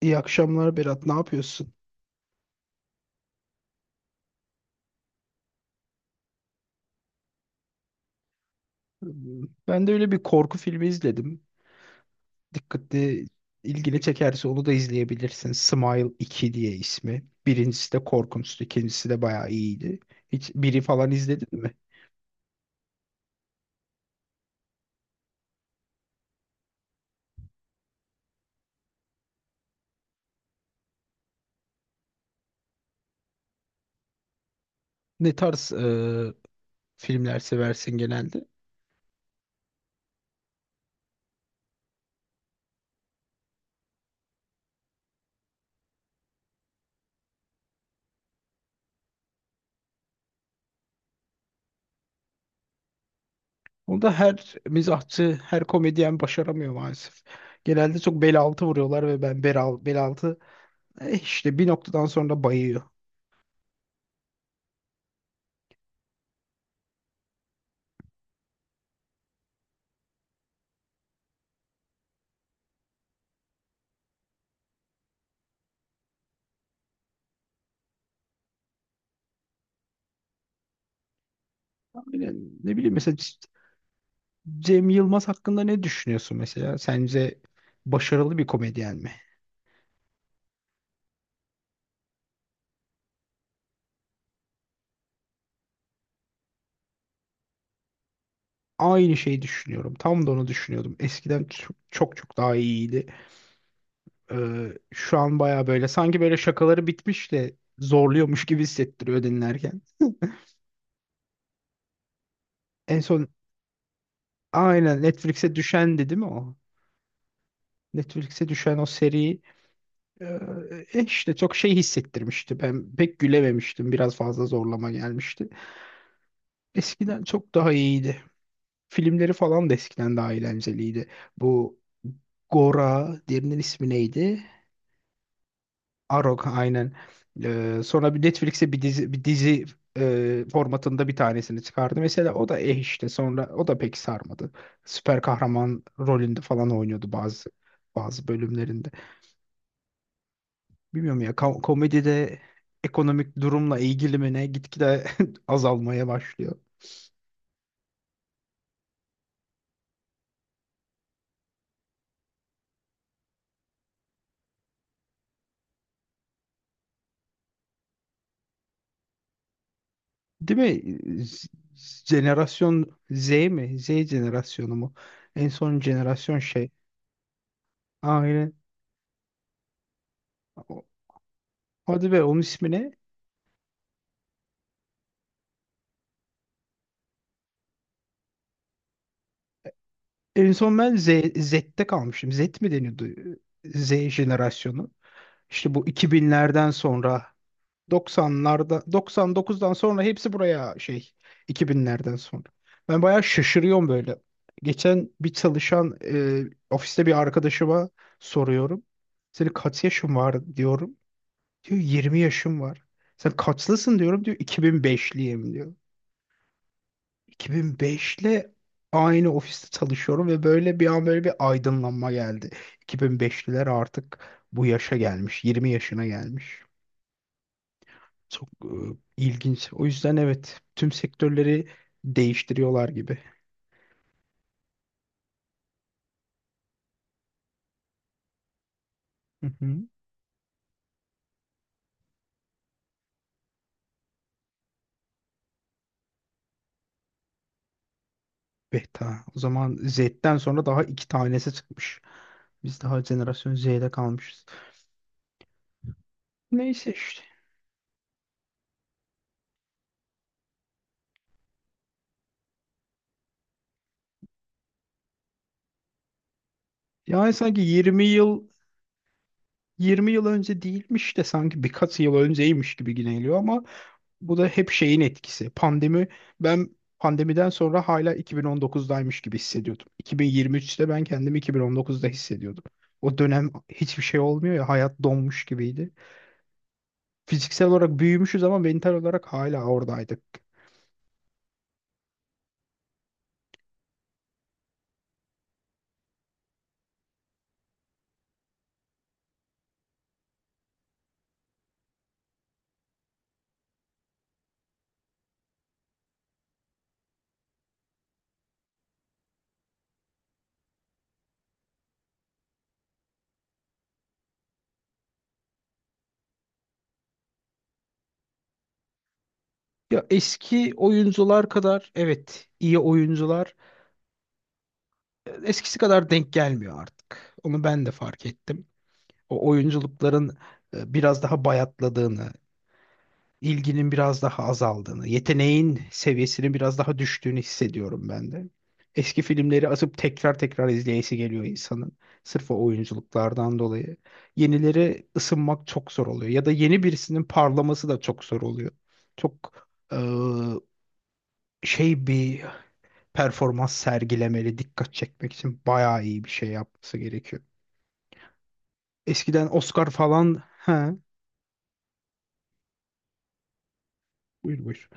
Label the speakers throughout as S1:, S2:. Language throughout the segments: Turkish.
S1: İyi akşamlar Berat, ne yapıyorsun? Ben de öyle bir korku filmi izledim. Dikkatli, ilgini çekerse onu da izleyebilirsin. Smile 2 diye ismi. Birincisi de korkunçtu, ikincisi de bayağı iyiydi. Hiç biri falan izledin mi? Ne tarz filmler seversin genelde? Onu da her mizahçı, her komedyen başaramıyor maalesef. Genelde çok bel altı vuruyorlar ve ben bel altı işte bir noktadan sonra bayıyor. Aynen, ne bileyim mesela Cem Yılmaz hakkında ne düşünüyorsun mesela? Sence başarılı bir komedyen mi? Aynı şeyi düşünüyorum. Tam da onu düşünüyordum. Eskiden çok çok daha iyiydi. Şu an baya böyle sanki böyle şakaları bitmiş de zorluyormuş gibi hissettiriyor dinlerken. En son aynen Netflix'e düşendi, değil mi o? Netflix'e düşen o seri e, işte çok şey hissettirmişti. Ben pek gülememiştim. Biraz fazla zorlama gelmişti. Eskiden çok daha iyiydi. Filmleri falan da eskiden daha eğlenceliydi. Bu Gora, diğerinin ismi neydi? Arog aynen. Sonra bir Netflix'e bir dizi formatında bir tanesini çıkardı. Mesela o da işte sonra o da pek sarmadı. Süper kahraman rolünde falan oynuyordu bazı bölümlerinde. Bilmiyorum ya komedide ekonomik durumla ilgili mi ne gitgide azalmaya başlıyor. Değil mi? Z- Jenerasyon Z mi? Z jenerasyonu mu? En son jenerasyon şey. Aynen. O- Hadi be onun ismi ne? En son ben Z'te kalmışım. Z mi deniyordu? Z jenerasyonu. İşte bu 2000'lerden sonra 90'larda, 99'dan sonra hepsi buraya şey 2000'lerden sonra. Ben bayağı şaşırıyorum böyle. Geçen bir çalışan ofiste bir arkadaşıma soruyorum. Senin kaç yaşın var diyorum. Diyor 20 yaşım var. Sen kaçlısın diyorum, diyor 2005'liyim diyor. 2005'le aynı ofiste çalışıyorum ve böyle bir an böyle bir aydınlanma geldi. 2005'liler artık bu yaşa gelmiş, 20 yaşına gelmiş. Çok ilginç. O yüzden evet tüm sektörleri değiştiriyorlar gibi. Hı hı. Beta. O zaman Z'den sonra daha iki tanesi çıkmış. Biz daha jenerasyon Z'de kalmışız. Neyse işte. Yani sanki 20 yıl önce değilmiş de sanki birkaç yıl önceymiş gibi yine geliyor ama bu da hep şeyin etkisi. Pandemi ben pandemiden sonra hala 2019'daymış gibi hissediyordum. 2023'te ben kendimi 2019'da hissediyordum. O dönem hiçbir şey olmuyor ya, hayat donmuş gibiydi. Fiziksel olarak büyümüşüz ama mental olarak hala oradaydık. Ya eski oyuncular kadar evet iyi oyuncular eskisi kadar denk gelmiyor artık. Onu ben de fark ettim. O oyunculukların biraz daha bayatladığını, ilginin biraz daha azaldığını, yeteneğin seviyesinin biraz daha düştüğünü hissediyorum ben de. Eski filmleri atıp tekrar tekrar izleyesi geliyor insanın. Sırf o oyunculuklardan dolayı. Yenileri ısınmak çok zor oluyor. Ya da yeni birisinin parlaması da çok zor oluyor. Çok şey bir performans sergilemeli, dikkat çekmek için bayağı iyi bir şey yapması gerekiyor. Eskiden Oscar falan... He, buyur buyur.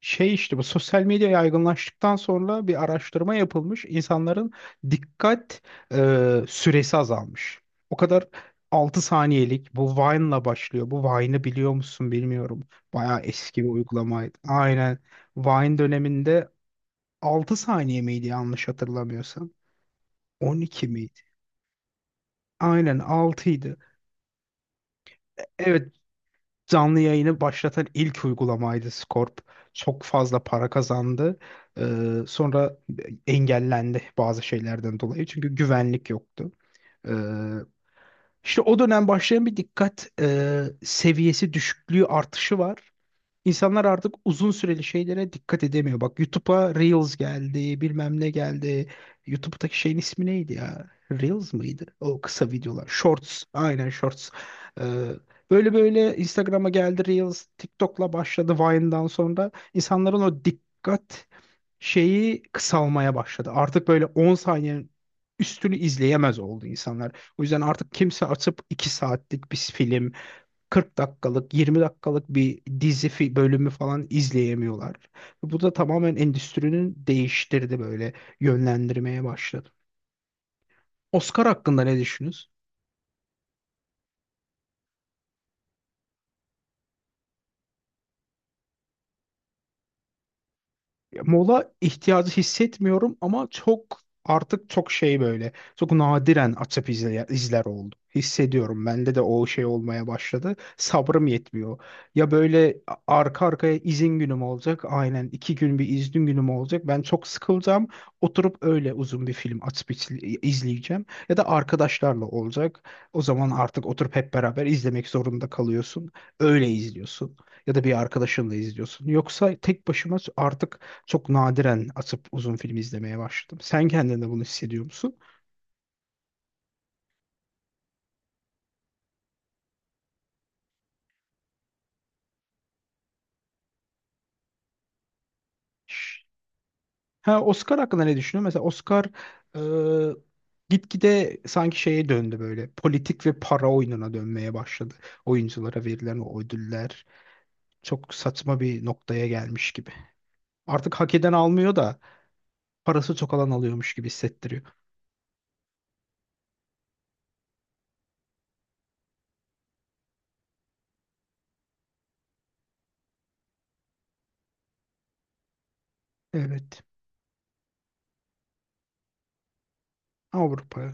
S1: Şey işte bu sosyal medya yaygınlaştıktan sonra bir araştırma yapılmış. İnsanların dikkat süresi azalmış. O kadar 6 saniyelik bu Vine'la başlıyor. Bu Vine'ı biliyor musun bilmiyorum. Bayağı eski bir uygulamaydı. Aynen. Vine döneminde 6 saniye miydi yanlış hatırlamıyorsam. 12 miydi? Aynen 6'ydı. Evet, canlı yayını başlatan ilk uygulamaydı Scorp. Çok fazla para kazandı. Sonra engellendi bazı şeylerden dolayı. Çünkü güvenlik yoktu. Ee, işte o dönem başlayan bir dikkat seviyesi düşüklüğü artışı var. İnsanlar artık uzun süreli şeylere dikkat edemiyor. Bak, YouTube'a Reels geldi, bilmem ne geldi. YouTube'daki şeyin ismi neydi ya? Reels mıydı? O kısa videolar. Shorts. Aynen Shorts. Ee, Böyle böyle Instagram'a geldi Reels. TikTok'la başladı Vine'dan sonra. İnsanların o dikkat şeyi kısalmaya başladı. Artık böyle 10 saniyenin üstünü izleyemez oldu insanlar. O yüzden artık kimse açıp 2 saatlik bir film, 40 dakikalık, 20 dakikalık bir dizi bölümü falan izleyemiyorlar. Bu da tamamen endüstrinin değiştirdi böyle yönlendirmeye başladı. Oscar hakkında ne düşünüyorsun? Mola ihtiyacı hissetmiyorum ama çok artık çok şey böyle çok nadiren açıp izler oldum. Hissediyorum. Bende de o şey olmaya başladı. Sabrım yetmiyor. Ya böyle arka arkaya izin günüm olacak. Aynen 2 gün bir izin günüm olacak. Ben çok sıkılacağım. Oturup öyle uzun bir film açıp izleyeceğim. Ya da arkadaşlarla olacak. O zaman artık oturup hep beraber izlemek zorunda kalıyorsun. Öyle izliyorsun ya da bir arkadaşınla izliyorsun. Yoksa tek başıma artık çok nadiren atıp uzun film izlemeye başladım. Sen kendinde bunu hissediyor musun? Ha, Oscar hakkında ne düşünüyorsun? Mesela Oscar e, gitgide sanki şeye döndü böyle. Politik ve para oyununa dönmeye başladı. Oyunculara verilen o ödüller çok saçma bir noktaya gelmiş gibi. Artık hak eden almıyor da parası çok alan alıyormuş gibi hissettiriyor. Evet. Avrupa.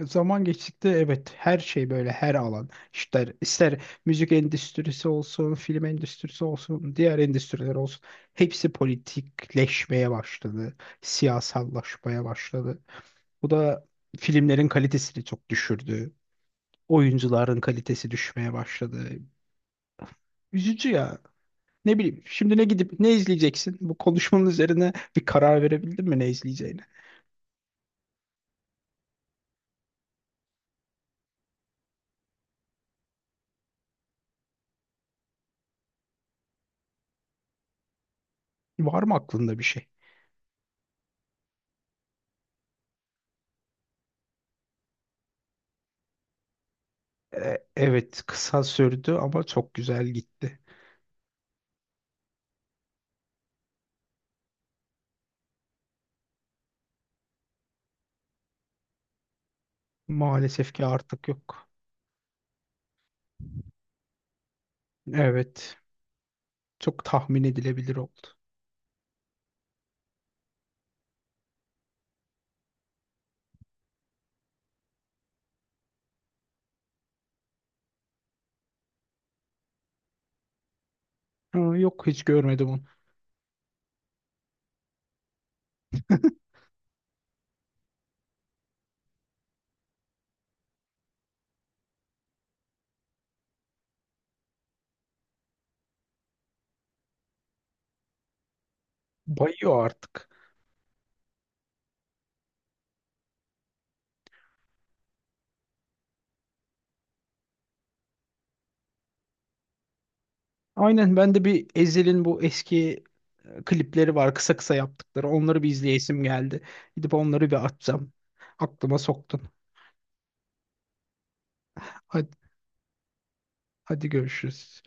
S1: Zaman geçtikçe evet her şey böyle, her alan ister ister müzik endüstrisi olsun, film endüstrisi olsun, diğer endüstriler olsun hepsi politikleşmeye başladı, siyasallaşmaya başladı. Bu da filmlerin kalitesini çok düşürdü. Oyuncuların kalitesi düşmeye başladı. Üzücü ya. Ne bileyim şimdi ne gidip ne izleyeceksin? Bu konuşmanın üzerine bir karar verebildin mi ne izleyeceğine? Var mı aklında bir şey? Evet, kısa sürdü ama çok güzel gitti. Maalesef ki artık yok. Evet, çok tahmin edilebilir oldu. Ha, yok hiç görmedim onu. Bayıyor artık. Aynen ben de bir Ezhel'in bu eski klipleri var kısa kısa yaptıkları. Onları bir izleyesim geldi. Gidip onları bir açacağım. Aklıma soktun. Hadi, hadi görüşürüz.